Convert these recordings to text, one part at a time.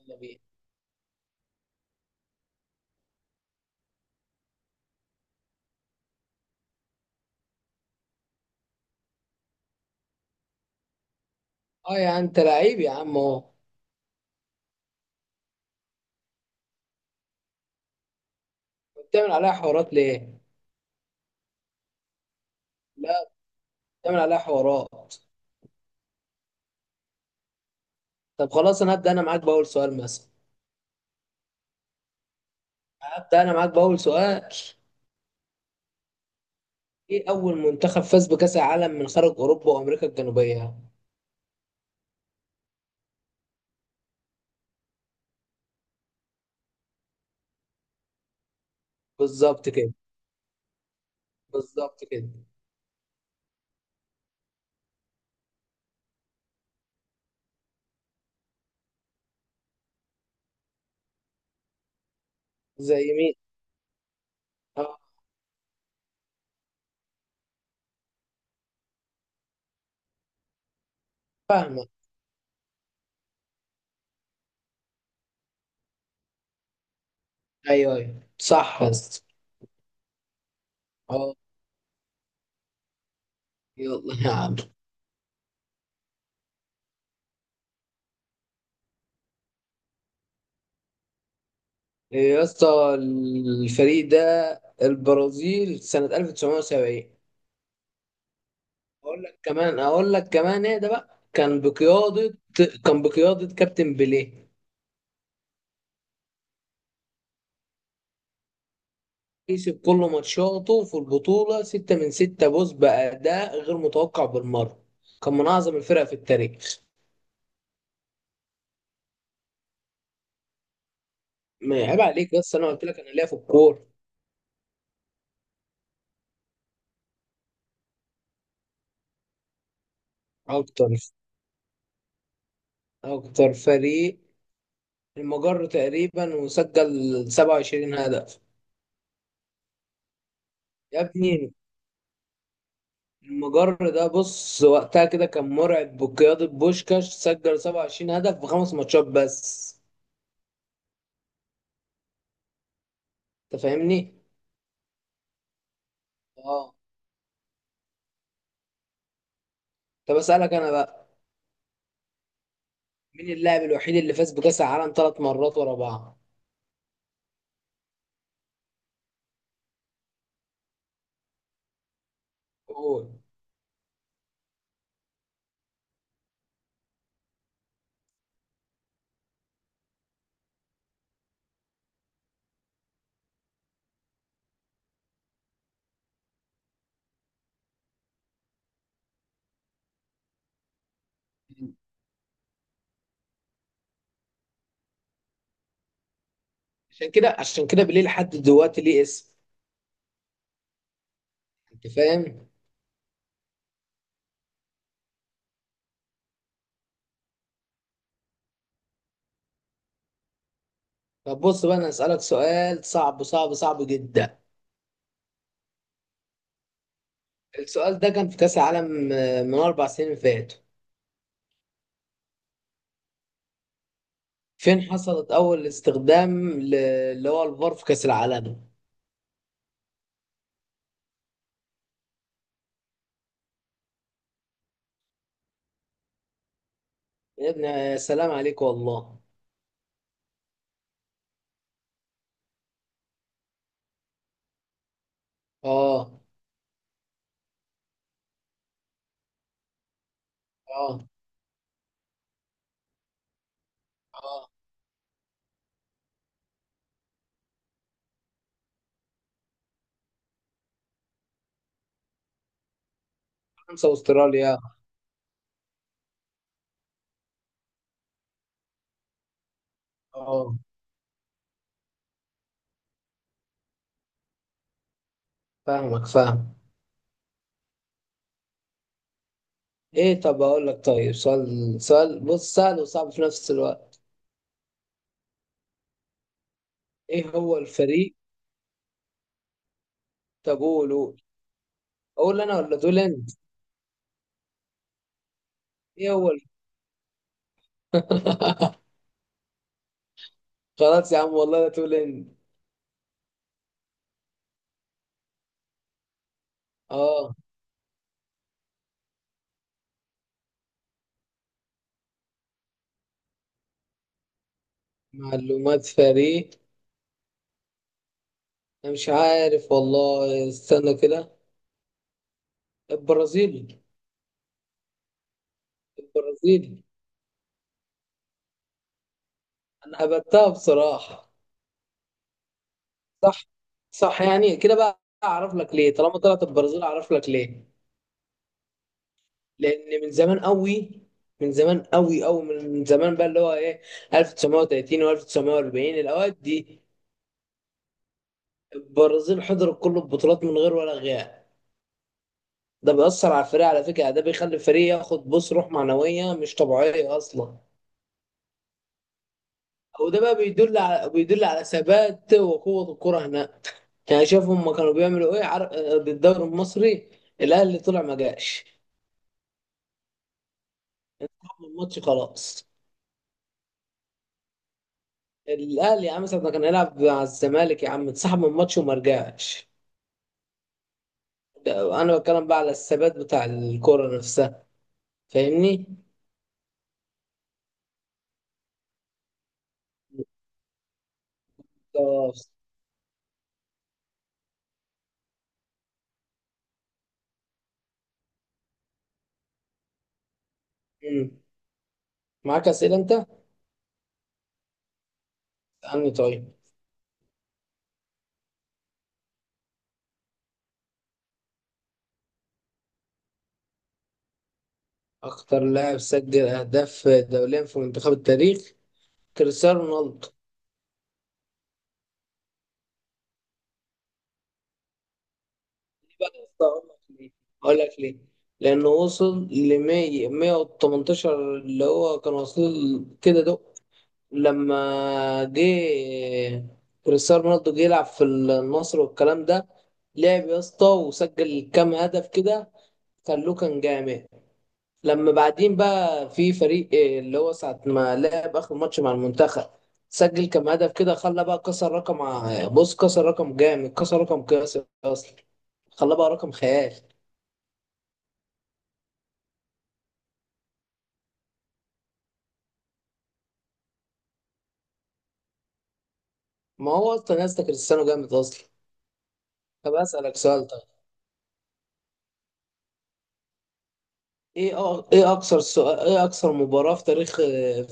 يلا بينا. اه، يا انت لعيب يا عم اهو. بتعمل عليها حوارات ليه؟ لا، بتعمل عليها حوارات. طب خلاص، انا هبدا انا معاك باول سؤال. ايه اول منتخب فاز بكاس العالم من خارج اوروبا وامريكا الجنوبيه؟ بالظبط كده، بالظبط كده. زي مين؟ اه. فاهمك. ايوه ايوه، صح يا اسطى. اه. يلا يا عم. يا اسطى، الفريق ده البرازيل سنه 1970. اقول لك كمان ايه ده بقى، كان بقيادة كابتن بيليه. كسب كل ماتشاته في البطولة، ستة من ستة، بوز بأداء غير متوقع بالمرة. كان من أعظم الفرق في التاريخ. ما عيب عليك، بس أنا قلت لك أنا ليا في الكورة. أكتر أكتر فريق المجر تقريبا، وسجل 27 هدف. يا ابني، المجر ده بص وقتها كده كان مرعب، بقيادة بوشكاش سجل 27 هدف في خمس ماتشات بس. انت فاهمني. اه. طب اسالك انا بقى، مين اللاعب الوحيد اللي فاز بكاس العالم ثلاث مرات ورا بعض. قول. عشان كده بليه لحد دلوقتي ليه اسم. انت فاهم. طب بص بقى، انا اسالك سؤال صعب صعب صعب جدا. السؤال ده كان في كاس العالم من اربع سنين فاتوا. فين حصلت اول استخدام اللي هو الفار في كاس العالم. يا ابني يا سلام عليك والله. اه. اه. اه، فرنسا واستراليا. اه، فاهمك فاهم. ايه، طب اقول لك طيب. سؤال سؤال، بص، سهل وصعب في نفس الوقت. ايه هو الفريق؟ طب قول قول. اقول انا ولا تقول انت؟ ايه هو خلاص يا عم والله، لا تقول انت. اه. معلومات فريق. انا مش عارف والله، استنى كده. البرازيل. البرازيل. انا هبتها بصراحة. صح. صح، يعني كده بقى اعرف لك ليه؟ طالما طلعت البرازيل اعرف لك ليه. لان من زمان قوي، من زمان قوي قوي، من زمان بقى اللي هو ايه، 1930 و1940، الاوقات دي البرازيل حضرت كل البطولات من غير ولا غياب. ده بيأثر على الفريق، على فكرة، ده بيخلي الفريق ياخد، بص، روح معنوية مش طبيعية أصلا. وده بقى بيدل على ثبات وقوة الكرة هناك. يعني شايف هما كانوا بيعملوا ايه بالدوري المصري. الأهلي طلع ما جاش من الماتش خلاص. الأهلي يا عم ساعة ما كان هيلعب مع الزمالك، يا عم اتسحب من الماتش وما رجعش. انا بتكلم بقى على الثبات بتاع الكرة نفسها. فاهمني. بالظبط. مم. معاك اسئله انت عني؟ طيب. اكتر لاعب سجل اهداف دوليا في منتخب التاريخ، كريستيانو رونالدو. ليه بقى يا اسطى؟ لك ليه اقول لك ليه، لانه وصل ل 100 118، اللي هو كان وصل كده ده لما جه. كريستيانو رونالدو جه يلعب في النصر والكلام ده، لعب يا اسطى وسجل كام هدف كده، خلوه كان جامد. لما بعدين بقى في فريق إيه اللي هو ساعة ما لعب آخر ماتش مع المنتخب، سجل كام هدف كده، خلى بقى كسر رقم بص كسر رقم جامد، كسر رقم قياسي أصلا، خلى بقى رقم خيال. ما هو أصلا يا اسطى كريستيانو جامد أصلا. طب أسألك سؤال طيب. ايه أ- ايه اكثر سؤال ايه اكثر مباراة في تاريخ،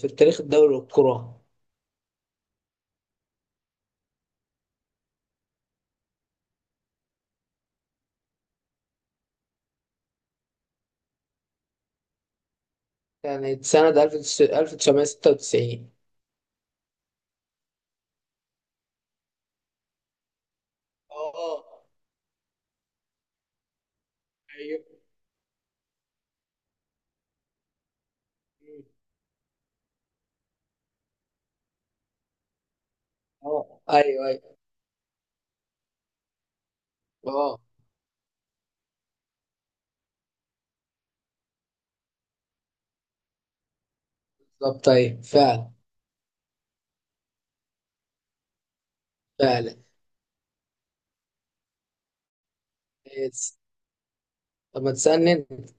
في تاريخ الدوري الكرة. يعني سنة 1996. اه. ايوه. اه. ايوه ايوه. اه، بالظبط، ايوه فعلا. فعلا. إيه، طب ما تسألني انت؟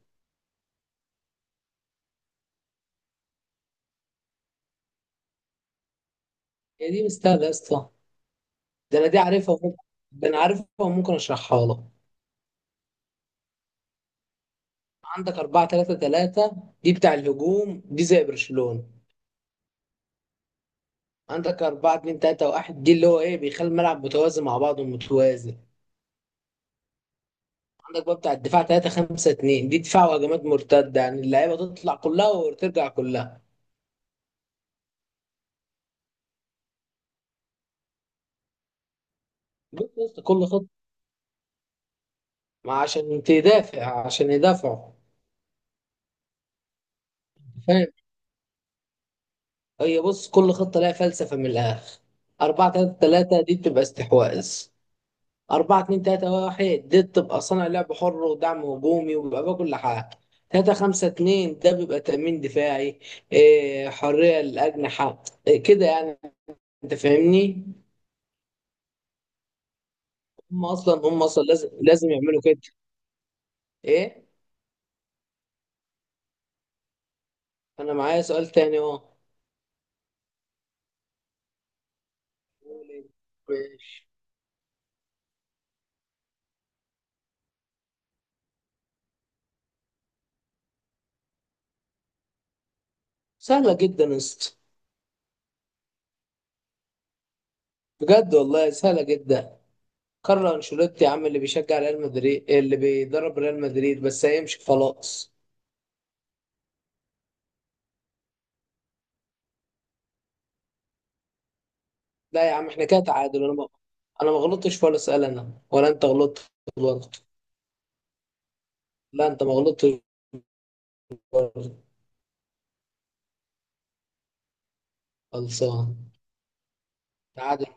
هي دي مستاهلة يا اسطى. ده انا دي عارفها وممكن ده انا عارفها وممكن اشرحها لك. عندك 4 3 3، دي بتاع الهجوم، دي زي برشلونة. عندك 4 2 3 1، دي اللي هو ايه، بيخلي الملعب متوازي مع بعضه متوازي. عندك بقى بتاع الدفاع 3 5 2، دي دفاع وهجمات مرتده، يعني اللعيبه تطلع كلها وترجع كلها. بص، بص كل خطه، ما عشان تدافع، عشان يدافعوا. فاهم. هي، بص، كل خطه لها فلسفه من الاخر. 4 3 3 دي بتبقى استحواذ. 4 2 3 1 دي بتبقى صانع لعب حر ودعم هجومي، وبيبقى بقى كل حاجه. 3 5 2 ده بيبقى تأمين دفاعي، حرية للأجنحة، كده يعني. أنت فاهمني؟ هم أصلا لازم يعملوا كده. إيه؟ انا معايا سؤال تاني اهو. ماشي. سهله جدا يا اسطى. بجد والله سهله جدا. كارلو انشيلوتي يا عم، اللي بيشجع ريال مدريد، اللي بيدرب ريال مدريد بس هيمشي خلاص. لا يا عم، احنا كده تعادل. انا ما غلطتش في ولا سؤال، انا ولا انت غلطت برضه. لا، انت ما غلطتش برضه. خلصان. تعادل.